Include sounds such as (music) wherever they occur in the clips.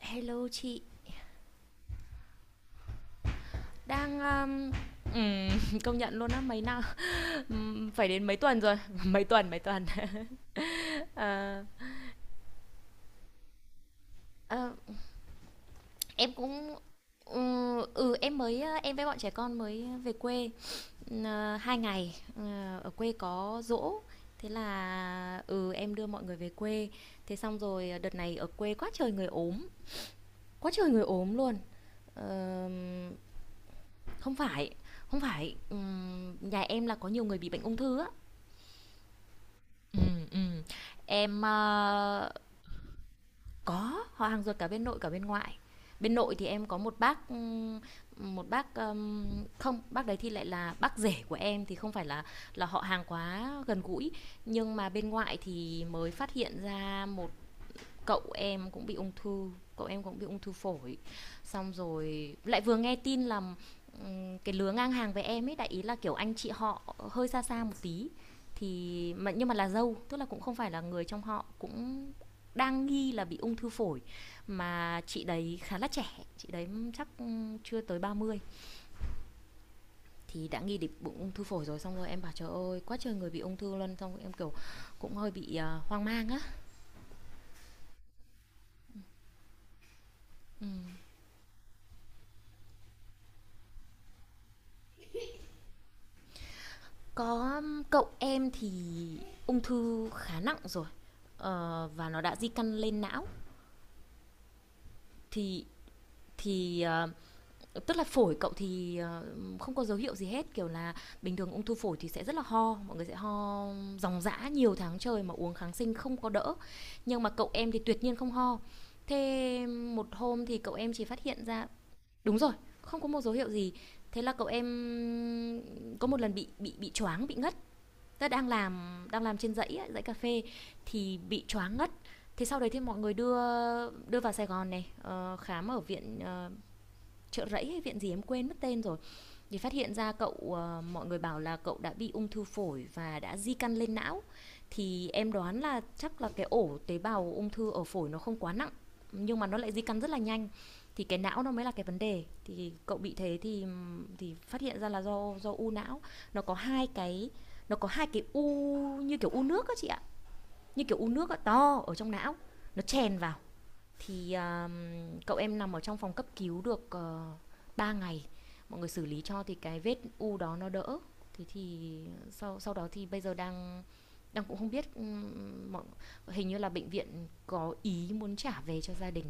Hello chị, đang, ờm, ừm, (laughs) công nhận luôn á, mấy năm (laughs) phải đến mấy tuần rồi, (laughs) mấy tuần, mấy tuần. (laughs) Ờ, ờ, em cũng ừ, ừ em mới với bọn trẻ con mới về quê 2 ngày. Ờ, Ở quê có giỗ, thế là em đưa mọi người về quê. Thế xong rồi đợt này ở quê quá trời người ốm, quá trời người ốm luôn. Ờm, không phải Không phải nhà em là có nhiều người bị bệnh ung thư á. Ừm, ừm. Em, có họ hàng ruột cả bên nội cả bên ngoại. Bên nội thì em có một bác, một bác, ờm không, bác đấy thì lại là bác rể của em thì không phải là họ hàng quá gần gũi, nhưng mà bên ngoại thì mới phát hiện ra một cậu em cũng bị ung thư cậu em cũng bị ung thư phổi. Xong rồi lại vừa nghe tin là cái lứa ngang hàng với em ấy, đại ý là kiểu anh chị họ hơi xa xa một tí, thì mà nhưng mà là dâu, tức là cũng không phải là người trong họ, cũng đang nghi là bị ung thư phổi. Mà chị đấy khá là trẻ, chị đấy chắc chưa tới 30, thì đã nghi đến bụng ung thư phổi rồi. Xong rồi em bảo trời ơi quá trời người bị ung thư luôn, xong rồi em kiểu cũng hơi bị hoang mang á. Ừ. Có, cậu em thì ung thư khá nặng rồi, và nó đã di căn lên não. Thì thì, ờ, Tức là phổi cậu thì, không có dấu hiệu gì hết, kiểu là bình thường ung thư phổi thì sẽ rất là ho, mọi người sẽ ho ròng rã nhiều tháng trời mà uống kháng sinh không có đỡ. Nhưng mà cậu em thì tuyệt nhiên không ho. Thế một hôm thì cậu em chỉ phát hiện ra, đúng rồi, không có một dấu hiệu gì. Thế là cậu em có một lần bị choáng, bị ngất, tớ đang làm, trên dãy ấy, dãy cà phê, thì bị choáng ngất. Thế sau đấy thì mọi người đưa, đưa vào Sài Gòn này, khám ở viện, chợ rẫy hay viện gì em quên mất tên rồi. Thì phát hiện ra cậu, mọi người bảo là cậu đã bị ung thư phổi và đã di căn lên não. Thì em đoán là chắc là cái ổ tế bào ung thư ở phổi nó không quá nặng, nhưng mà nó lại di căn rất là nhanh. Thì cái não nó mới là cái vấn đề. Thì cậu bị thế thì phát hiện ra là do u não. Nó có hai cái, u, như kiểu u nước á chị ạ, như kiểu u nước á to ở trong não, nó chèn vào. thì à, Cậu em nằm ở trong phòng cấp cứu được 3 ngày, mọi người xử lý cho thì cái vết u đó nó đỡ. Thế thì sau, đó thì bây giờ đang, đang cũng không biết, hình như là bệnh viện có ý muốn trả về cho gia đình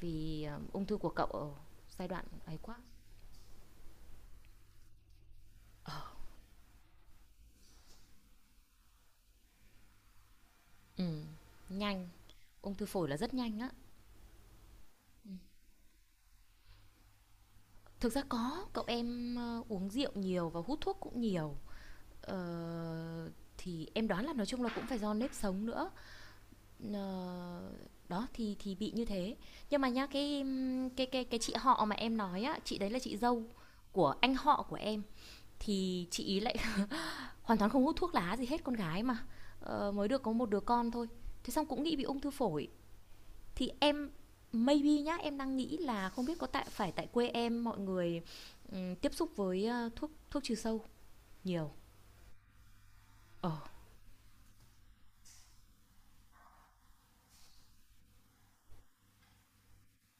vì ung thư của cậu ở giai đoạn ấy quá. Ừ, nhanh, ung thư phổi là rất nhanh á. Thực ra có cậu em uống rượu nhiều và hút thuốc cũng nhiều. ờ, Uh, thì em đoán là nói chung là cũng phải do nếp sống nữa. Ờ, Đó, thì bị như thế. Nhưng mà nhá, cái chị họ mà em nói á, chị đấy là chị dâu của anh họ của em, thì chị ý lại (laughs) hoàn toàn không hút thuốc lá gì hết, con gái mà, mới được có một đứa con thôi. Thế xong cũng nghĩ bị ung thư phổi, thì em maybe nhá, em đang nghĩ là không biết có tại phải tại quê em mọi người, tiếp xúc với, thuốc thuốc trừ sâu nhiều. Ờ.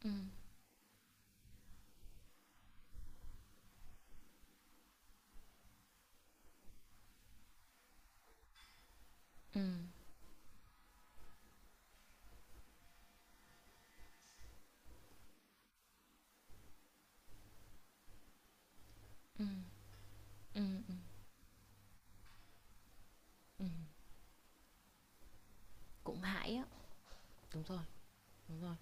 Ừm, ừm, ừm, ừm, ừm, ừm, cũng hại á. Đúng rồi, đúng rồi.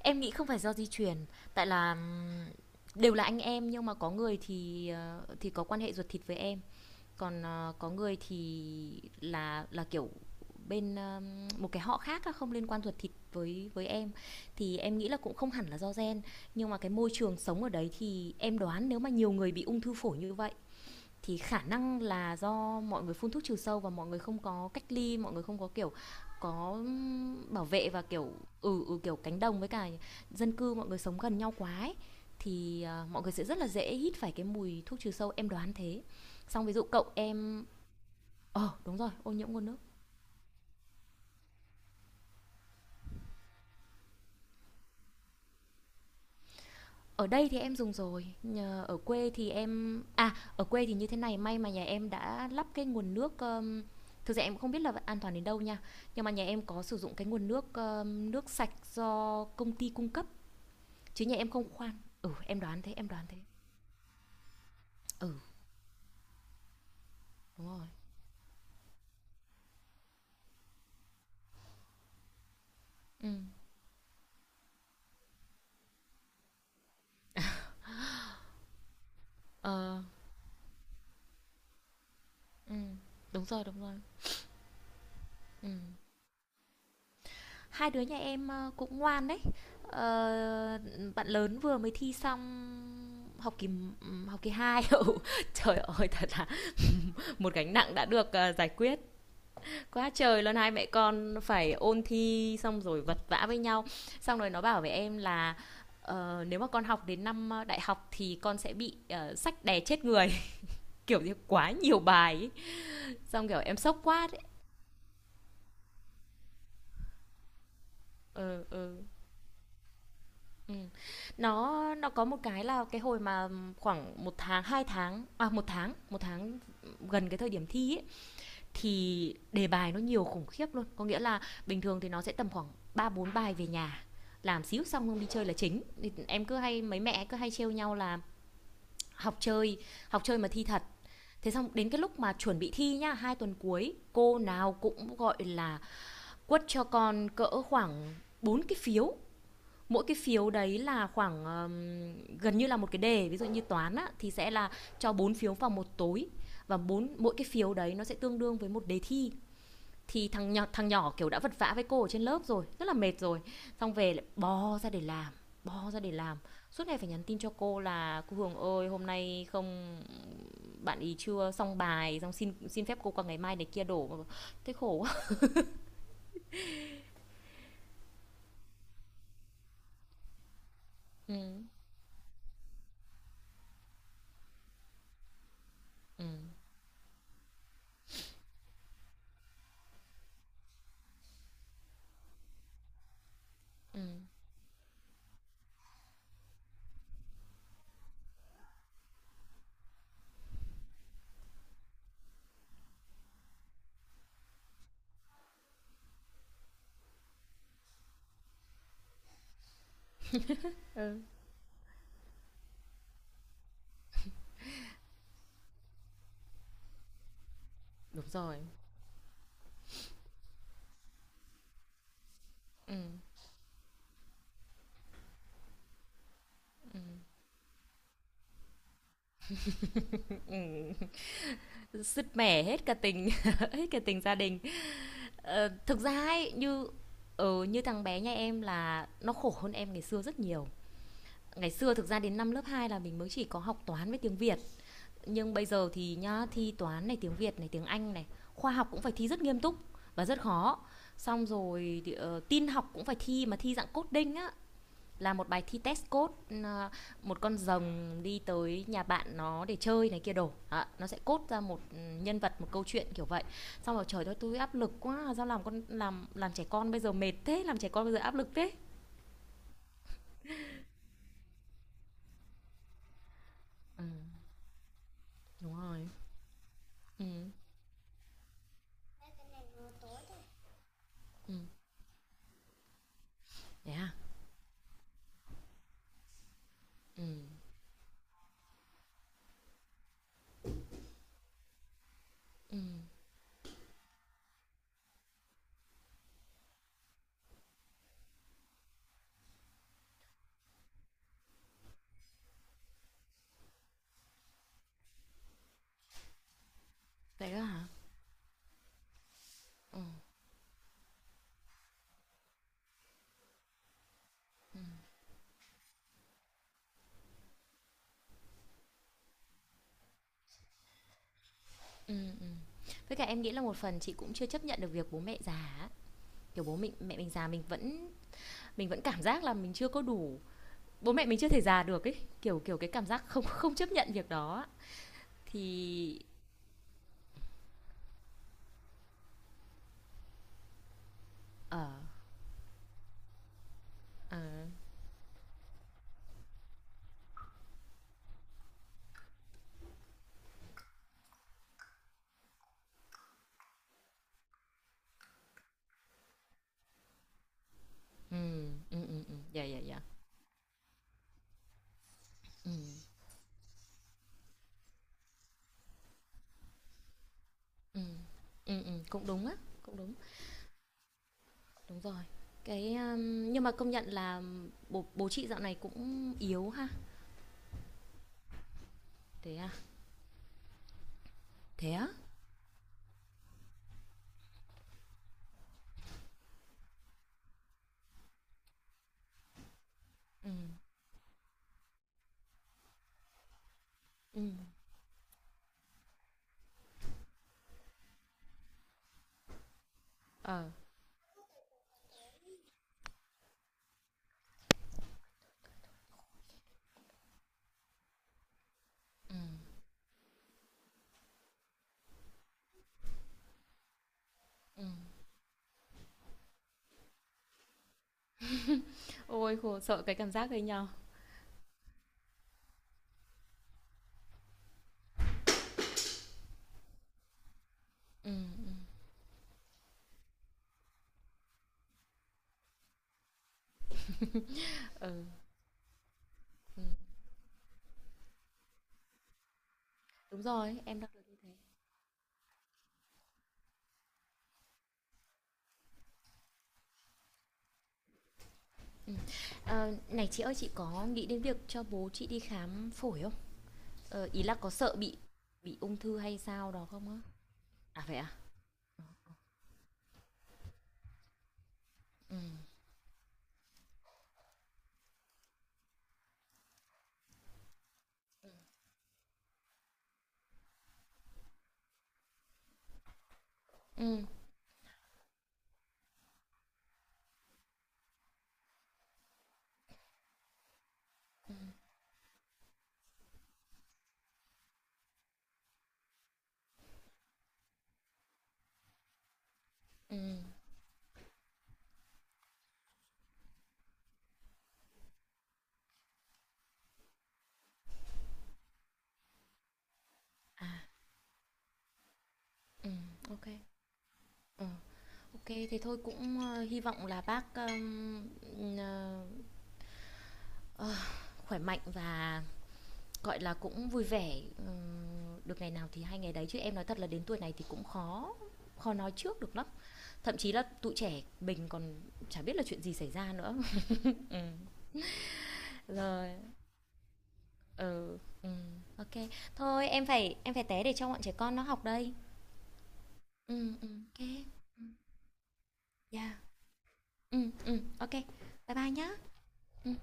Em nghĩ không phải do di truyền, tại là đều là anh em nhưng mà có người thì có quan hệ ruột thịt với em, còn có người thì là kiểu bên, một cái họ khác á, không liên quan ruột thịt với em. Thì em nghĩ là cũng không hẳn là do gen, nhưng mà cái môi trường sống ở đấy thì em đoán nếu mà nhiều người bị ung thư phổi như vậy thì khả năng là do mọi người phun thuốc trừ sâu và mọi người không có cách ly, mọi người không có kiểu có bảo vệ, và kiểu kiểu cánh đồng với cả dân cư mọi người sống gần nhau quá ấy, thì mọi người sẽ rất là dễ hít phải cái mùi thuốc trừ sâu, em đoán thế. Xong ví dụ cậu em, đúng rồi, ô nhiễm nguồn nước. Ở đây thì em dùng rồi, nhờ ở quê thì em, ở quê thì như thế này, may mà nhà em đã lắp cái nguồn nước, thực ra em cũng không biết là an toàn đến đâu nha, nhưng mà nhà em có sử dụng cái nguồn nước, nước sạch do công ty cung cấp, chứ nhà em không khoan. Ừ, em đoán thế, em đoán thế. Ừ, đúng rồi. Ừm, ờ, ừm, đúng rồi, đúng rồi. Ừm. Hai đứa nhà em, ơ, cũng ngoan đấy. Ờ, Bạn lớn vừa mới thi xong học kỳ, ừ, học kỳ 2. (laughs) Ừ, trời ơi, thật là một gánh nặng đã được giải quyết quá trời luôn. Hai mẹ con phải ôn thi xong rồi vật vã với nhau, xong rồi nó bảo với em là nếu mà con học đến năm đại học thì con sẽ bị sách đè chết người (laughs) kiểu như quá nhiều bài ấy. Xong kiểu em sốc quá đấy. Ừ, ừ, ừ. Nó có một cái là cái hồi mà khoảng 1 tháng 2 tháng một tháng, gần cái thời điểm thi ấy thì đề bài nó nhiều khủng khiếp luôn, có nghĩa là bình thường thì nó sẽ tầm khoảng ba bốn bài về nhà làm xíu, xong không đi chơi là chính. Em cứ hay, mấy mẹ cứ hay trêu nhau là học chơi, mà thi thật. Thế xong đến cái lúc mà chuẩn bị thi nhá, 2 tuần cuối cô nào cũng gọi là quất cho con cỡ khoảng bốn cái phiếu, mỗi cái phiếu đấy là khoảng, gần như là một cái đề. Ví dụ như toán á, thì sẽ là cho bốn phiếu vào một tối, và mỗi cái phiếu đấy nó sẽ tương đương với một đề thi. Thì thằng nhỏ, kiểu đã vật vã với cô ở trên lớp rồi, rất là mệt rồi, xong về lại bò ra để làm, bò ra để làm suốt ngày phải nhắn tin cho cô là cô Hường ơi hôm nay không, bạn ý chưa xong bài, xong xin, phép cô qua ngày mai này kia đổ. Thế khổ quá. (laughs) Ừ, ừ, ừ, đúng rồi. Ừ, ừ. Sứt mẻ hết cả tình (laughs) hết cả tình gia đình. Ờ, thực ra ấy, như, ừ, như thằng bé nhà em là nó khổ hơn em ngày xưa rất nhiều. Ngày xưa thực ra đến năm lớp 2 là mình mới chỉ có học toán với tiếng Việt. Nhưng bây giờ thì nhá, thi toán này, tiếng Việt này, tiếng Anh này, khoa học cũng phải thi rất nghiêm túc và rất khó. Xong rồi thì, tin học cũng phải thi mà thi dạng coding á, là một bài thi test code, ờ, một con rồng đi tới nhà bạn nó để chơi này kia đổ. Đó, nó sẽ cốt ra một nhân vật, một câu chuyện kiểu vậy. Xong rồi trời ơi tôi áp lực quá. Sao làm con, làm trẻ con bây giờ mệt thế. Làm trẻ con bây giờ áp lực thế. Ừ, đúng rồi. Ừ, ừ, đấy à. Ừm, ừm, vậy đó hả? Ừm, ừm, ừm. Với cả em nghĩ là một phần chị cũng chưa chấp nhận được việc bố mẹ già á, kiểu bố mình mẹ mình già, mình vẫn, cảm giác là mình chưa có đủ, bố mẹ mình chưa thể già được ấy, kiểu, cái cảm giác không, chấp nhận việc đó á. Thì ờ, ờ, ừ yeah, yeah, yeah. Ừm, ừm, cũng đúng á, cũng đúng, đúng rồi. Cái, a, nhưng mà công nhận là bố, chị dạo này cũng yếu ha? Thế à? Thế á? ừ ừm, ờ. Ừm, ừm. Ôi, khổ, sợ cái cảm giác đấy nhau. Ừm, ừm, ừ, ừm, đúng rồi, em đang. Ừm. Ờ, này chị ơi, chị có nghĩ đến việc cho bố chị đi khám phổi không? Ờ, ý là có sợ bị, ung thư hay sao đó không á? À, vậy à? Ừm, ừm, ừm, à, ừm, ô kê, ờ, thế thôi cũng, ơ, hy vọng là bác, ừm, ờ, ờ, khỏe mạnh và gọi là cũng vui vẻ, được ngày nào thì hay ngày đấy, chứ em nói thật là đến tuổi này thì cũng khó, nói trước được lắm. Thậm chí là tụi trẻ mình còn chả biết là chuyện gì xảy ra nữa. (laughs) Ừm, rồi, ừ, OK. Thôi em phải, té để cho bọn trẻ con nó học đây. OK. Yeah. OK. Bye bye nhá. Ừm.